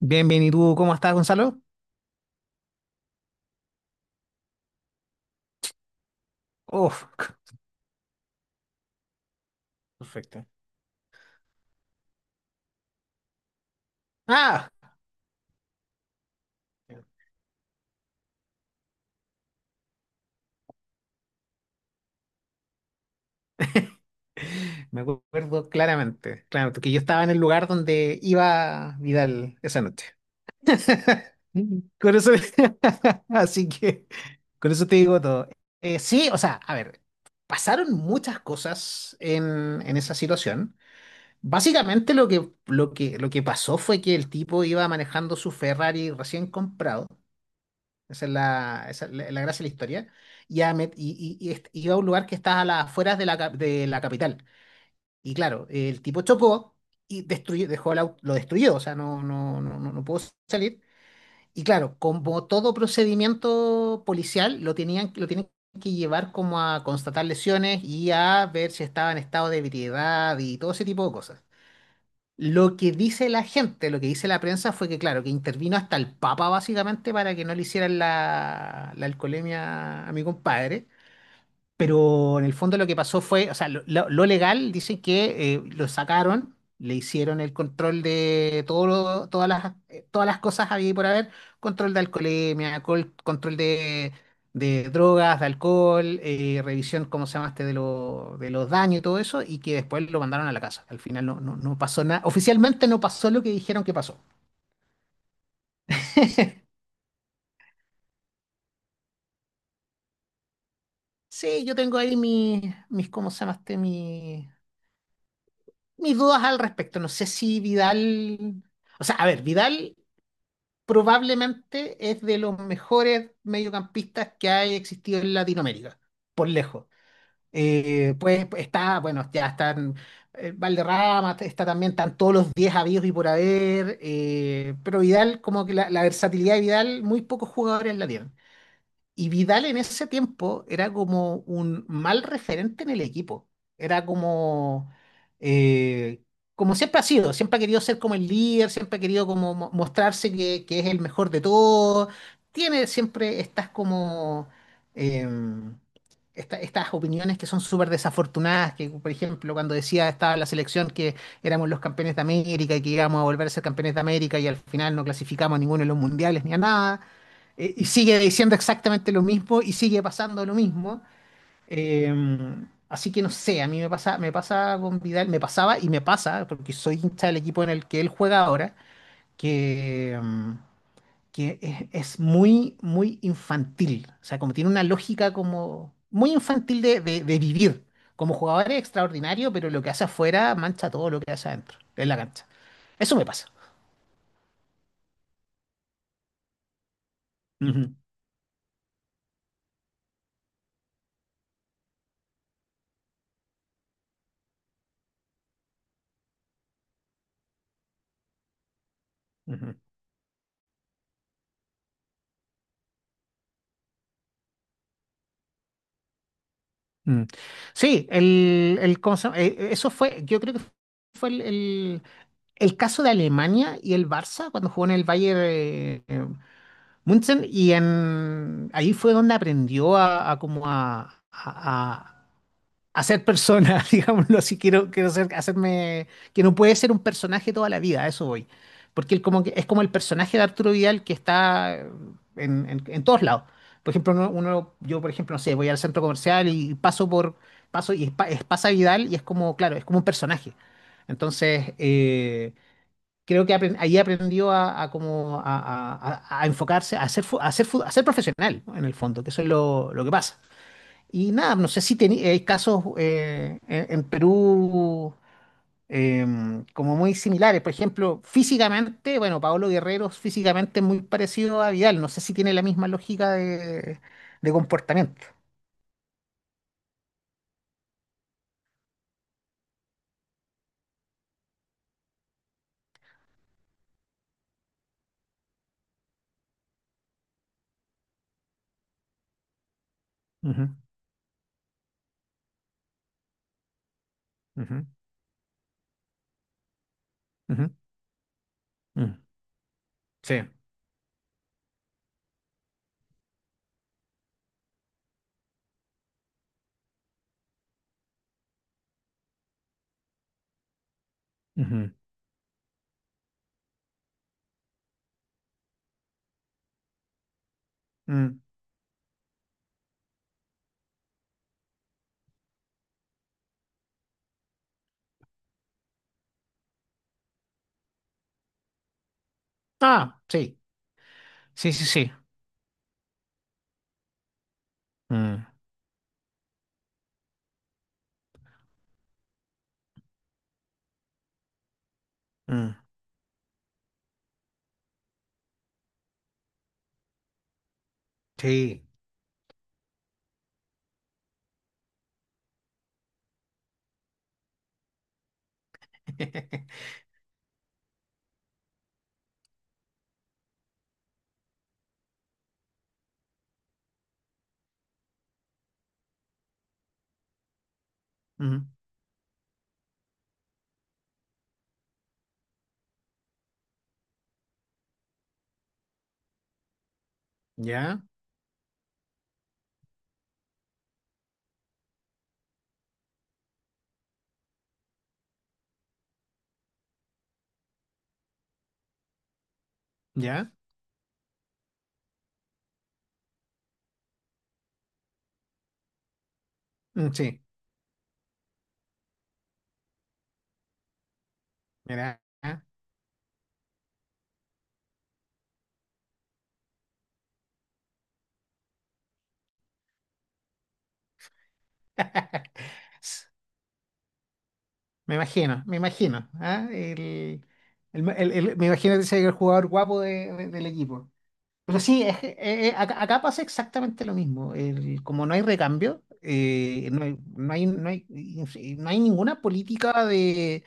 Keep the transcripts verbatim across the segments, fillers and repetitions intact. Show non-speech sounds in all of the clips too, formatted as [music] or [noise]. Bien, bien, ¿y tú cómo estás, Gonzalo? Uf, perfecto. ah, Me acuerdo claramente, claro, porque yo estaba en el lugar donde iba Vidal esa noche. Mm. Con eso, [laughs] así que, con eso te digo todo. Eh, sí, o sea, a ver, pasaron muchas cosas en, en esa situación. Básicamente lo que, lo que, lo que pasó fue que el tipo iba manejando su Ferrari recién comprado. Esa es la, esa es la, la gracia de la historia. Y, a Met- y, y, y est- y va a un lugar que está a las afueras de la, cap- de la capital. Y claro, el tipo chocó y destruyó, dejó el auto, lo destruyó, o sea, no, no, no, no, no pudo salir. Y claro, como todo procedimiento policial, lo tenían, lo tienen que llevar como a constatar lesiones y a ver si estaba en estado de ebriedad y todo ese tipo de cosas. Lo que dice la gente, lo que dice la prensa fue que, claro, que intervino hasta el Papa básicamente para que no le hicieran la, la alcoholemia a mi compadre. Pero en el fondo lo que pasó fue, o sea, lo, lo- lo legal dice que eh, lo sacaron, le hicieron el control de todo, lo- todas las, eh, todas las cosas había y por haber, control de alcoholemia, alcohol- control de, de drogas, de alcohol, eh, revisión, ¿cómo se llama este? De, lo- de los daños y todo eso, y que después lo mandaron a la casa. Al final no, no, no pasó nada, oficialmente no pasó lo que dijeron que pasó. [laughs] Sí, yo tengo ahí mis, mis, ¿cómo se llama este? Mi Mis dudas al respecto. No sé si Vidal, O sea, a ver, Vidal probablemente es de los mejores mediocampistas que ha existido en Latinoamérica, por lejos. Eh, pues pues, está, bueno, ya están eh, Valderrama, está también, están todos los diez habidos y por haber, eh, pero Vidal, como que la, la versatilidad de Vidal, muy pocos jugadores la tienen. Y Vidal en ese tiempo era como un mal referente en el equipo. Era como, eh, como siempre ha sido, siempre ha querido ser como el líder, siempre ha querido como mo- mostrarse que, que es el mejor de todos. Tiene siempre estas como em, esta- estas opiniones que son súper desafortunadas, que por ejemplo cuando decía estaba la selección que éramos los campeones de América y que íbamos a volver a ser campeones de América y al final no clasificamos a ninguno de los mundiales ni a nada eh, y sigue diciendo exactamente lo mismo y sigue pasando lo mismo. Eh, así que no sé, a mí me pasa, me pasa con Vidal, me pasaba y me pasa, porque soy hincha del equipo en el que él juega ahora, que, mm, que es, es muy, muy infantil. O sea, como tiene una lógica como muy infantil de, de- de vivir. Como jugador es extraordinario, pero lo que hace afuera mancha todo lo que hace adentro, en la cancha. Eso me pasa. Ujú, ujú. Mm. Sí, el, el- ¿cómo se llama? Eh, eh, eso fue, yo creo que fue el, el- el caso de Alemania y el Barça cuando jugó en el Bayern eh, eh, München y en, ahí fue donde aprendió a, a como a, a hacer persona, [laughs] digámoslo así, quiero, quiero ser, hacerme, que no puede ser un personaje toda la vida, a eso voy. Porque él como que, es como el personaje de Arturo Vidal que está en, en- en todos lados. Por ejemplo, uno, uno- yo por ejemplo, no sé, voy al centro comercial y paso por, paso y es, pa- es- pasa Vidal y es como, claro, es como un personaje. Entonces, eh, creo que apren- ahí aprendió a, a como a, a- a- a enfocarse, a ser, fu- a ser, fu- a ser profesional, ¿no? En el fondo, que eso es lo, lo que pasa. Y nada, no sé si teni- hay casos eh, en, en Perú em, como muy similares. Por ejemplo, físicamente, bueno, Paolo Guerrero es físicamente es muy parecido a Vidal. No sé si tiene la misma lógica de, de comportamiento. Ujú, ujú, ujú, mm, sí. Ujú, mm. Ah, sí. Sí, sí, sí. Mm, mm, sí. [laughs] Mm, ya, ya, mm, sí. Mira. [laughs] Me imagino, me imagino. ¿Ah? El, el- el- el- me imagino que ese es el jugador guapo de- de- del equipo. Pero sí, es que, eh, eh, acá, acá pasa exactamente lo mismo. El- como no hay recambio, eh, no hay, no hay, no hay, y no hay ninguna política de,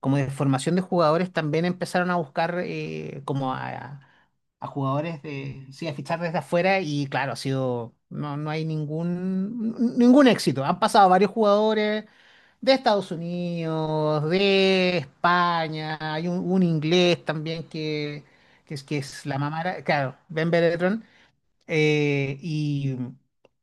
como de formación de jugadores. También empezaron a buscar eh, como a, a jugadores de, sí, a fichar desde afuera y claro, ha sido, no, no hay ningún, ningún éxito. Han pasado varios jugadores de Estados Unidos, de España, hay un, un inglés también que, que es, que es la mamá, claro, Ben Bertrand, eh, y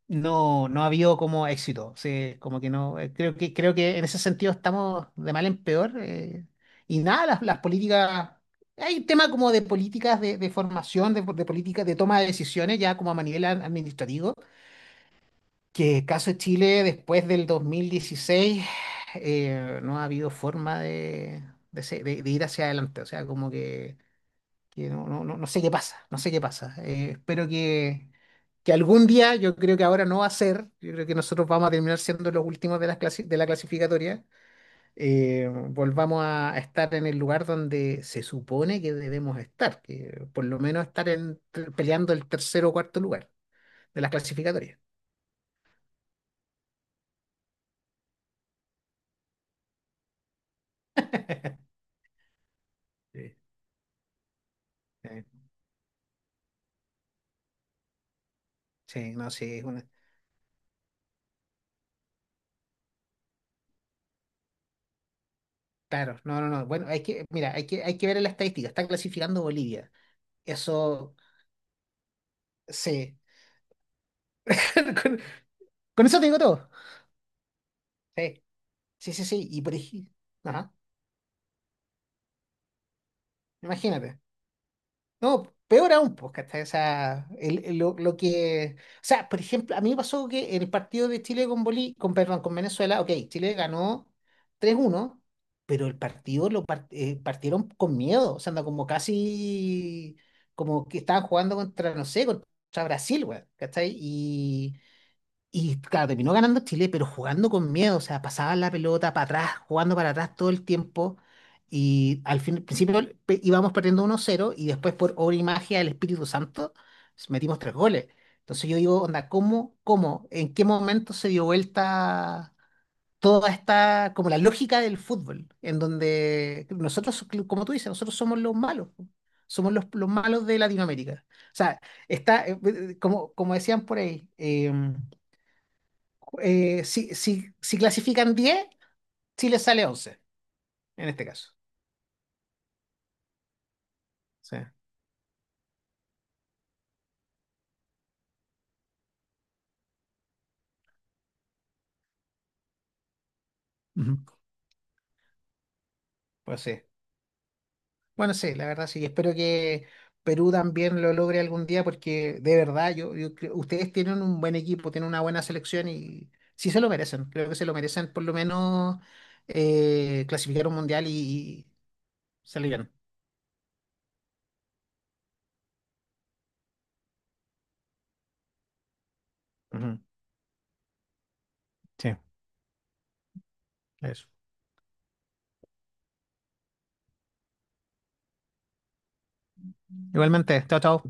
no, no ha habido como éxito, sí, como que no, eh, creo que, creo que en ese sentido estamos de mal en peor, eh, y nada, las, las políticas, hay un tema como de políticas de, de formación, de, de políticas de toma de decisiones, ya como a nivel administrativo que caso de Chile, después del dos mil dieciséis, eh, no ha habido forma de, de, se- de- de ir hacia adelante. O sea, como que, que no, no, no, no sé qué pasa, no sé qué pasa. Eh, espero que, que algún día, yo creo que ahora no va a ser, yo creo que nosotros vamos a terminar siendo los últimos de, las clasi- de la clasificatoria, eh, volvamos a a estar en el lugar donde se supone que debemos estar, que por lo menos estar en- peleando el tercer o cuarto lugar de las clasificatorias. Sí. Sí, no, sí, es una... Claro, no, no, no. Bueno, hay que, mira, hay que, hay que ver en la estadística. Está clasificando Bolivia. Eso, sí. [laughs] Con, con eso te digo todo. Sí, sí, sí, sí. Y por ejemplo, ajá, imagínate. No, peor aún, pues, ¿cachai? O sea, el- el- lo, lo que. O sea, por ejemplo, a mí me pasó que en el partido de Chile con Bolí, con, perdón, con Venezuela, ok, Chile ganó tres uno pero el partido lo par- eh, partieron con miedo, o sea, anda como casi. Como que estaban jugando contra, no sé, contra Brasil, güey, ¿cachai? Y claro, terminó ganando Chile, pero jugando con miedo, o sea, pasaban la pelota para atrás, jugando para atrás todo el tiempo. Y al fin, al principio pe- íbamos perdiendo uno cero y después por obra y magia del Espíritu Santo metimos tres goles. Entonces yo digo, onda, ¿cómo, ¿cómo, en qué momento se dio vuelta toda esta, como la lógica del fútbol, en donde nosotros, como tú dices, nosotros somos los malos, somos los, los malos de Latinoamérica. O sea, está, eh, eh, como, como decían por ahí. eh, eh, si, si, si clasifican diez, Chile sale once, en este caso. Sí, ujú, pues sí. Bueno, sí, la verdad sí. Espero que Perú también lo logre algún día porque de verdad, yo, yo creo- ustedes tienen un buen equipo, tienen una buena selección y sí se lo merecen. Creo que se lo merecen por lo menos eh, clasificar un mundial y, y salir bien. Ujú, sí, eso. Igualmente, chao, chao.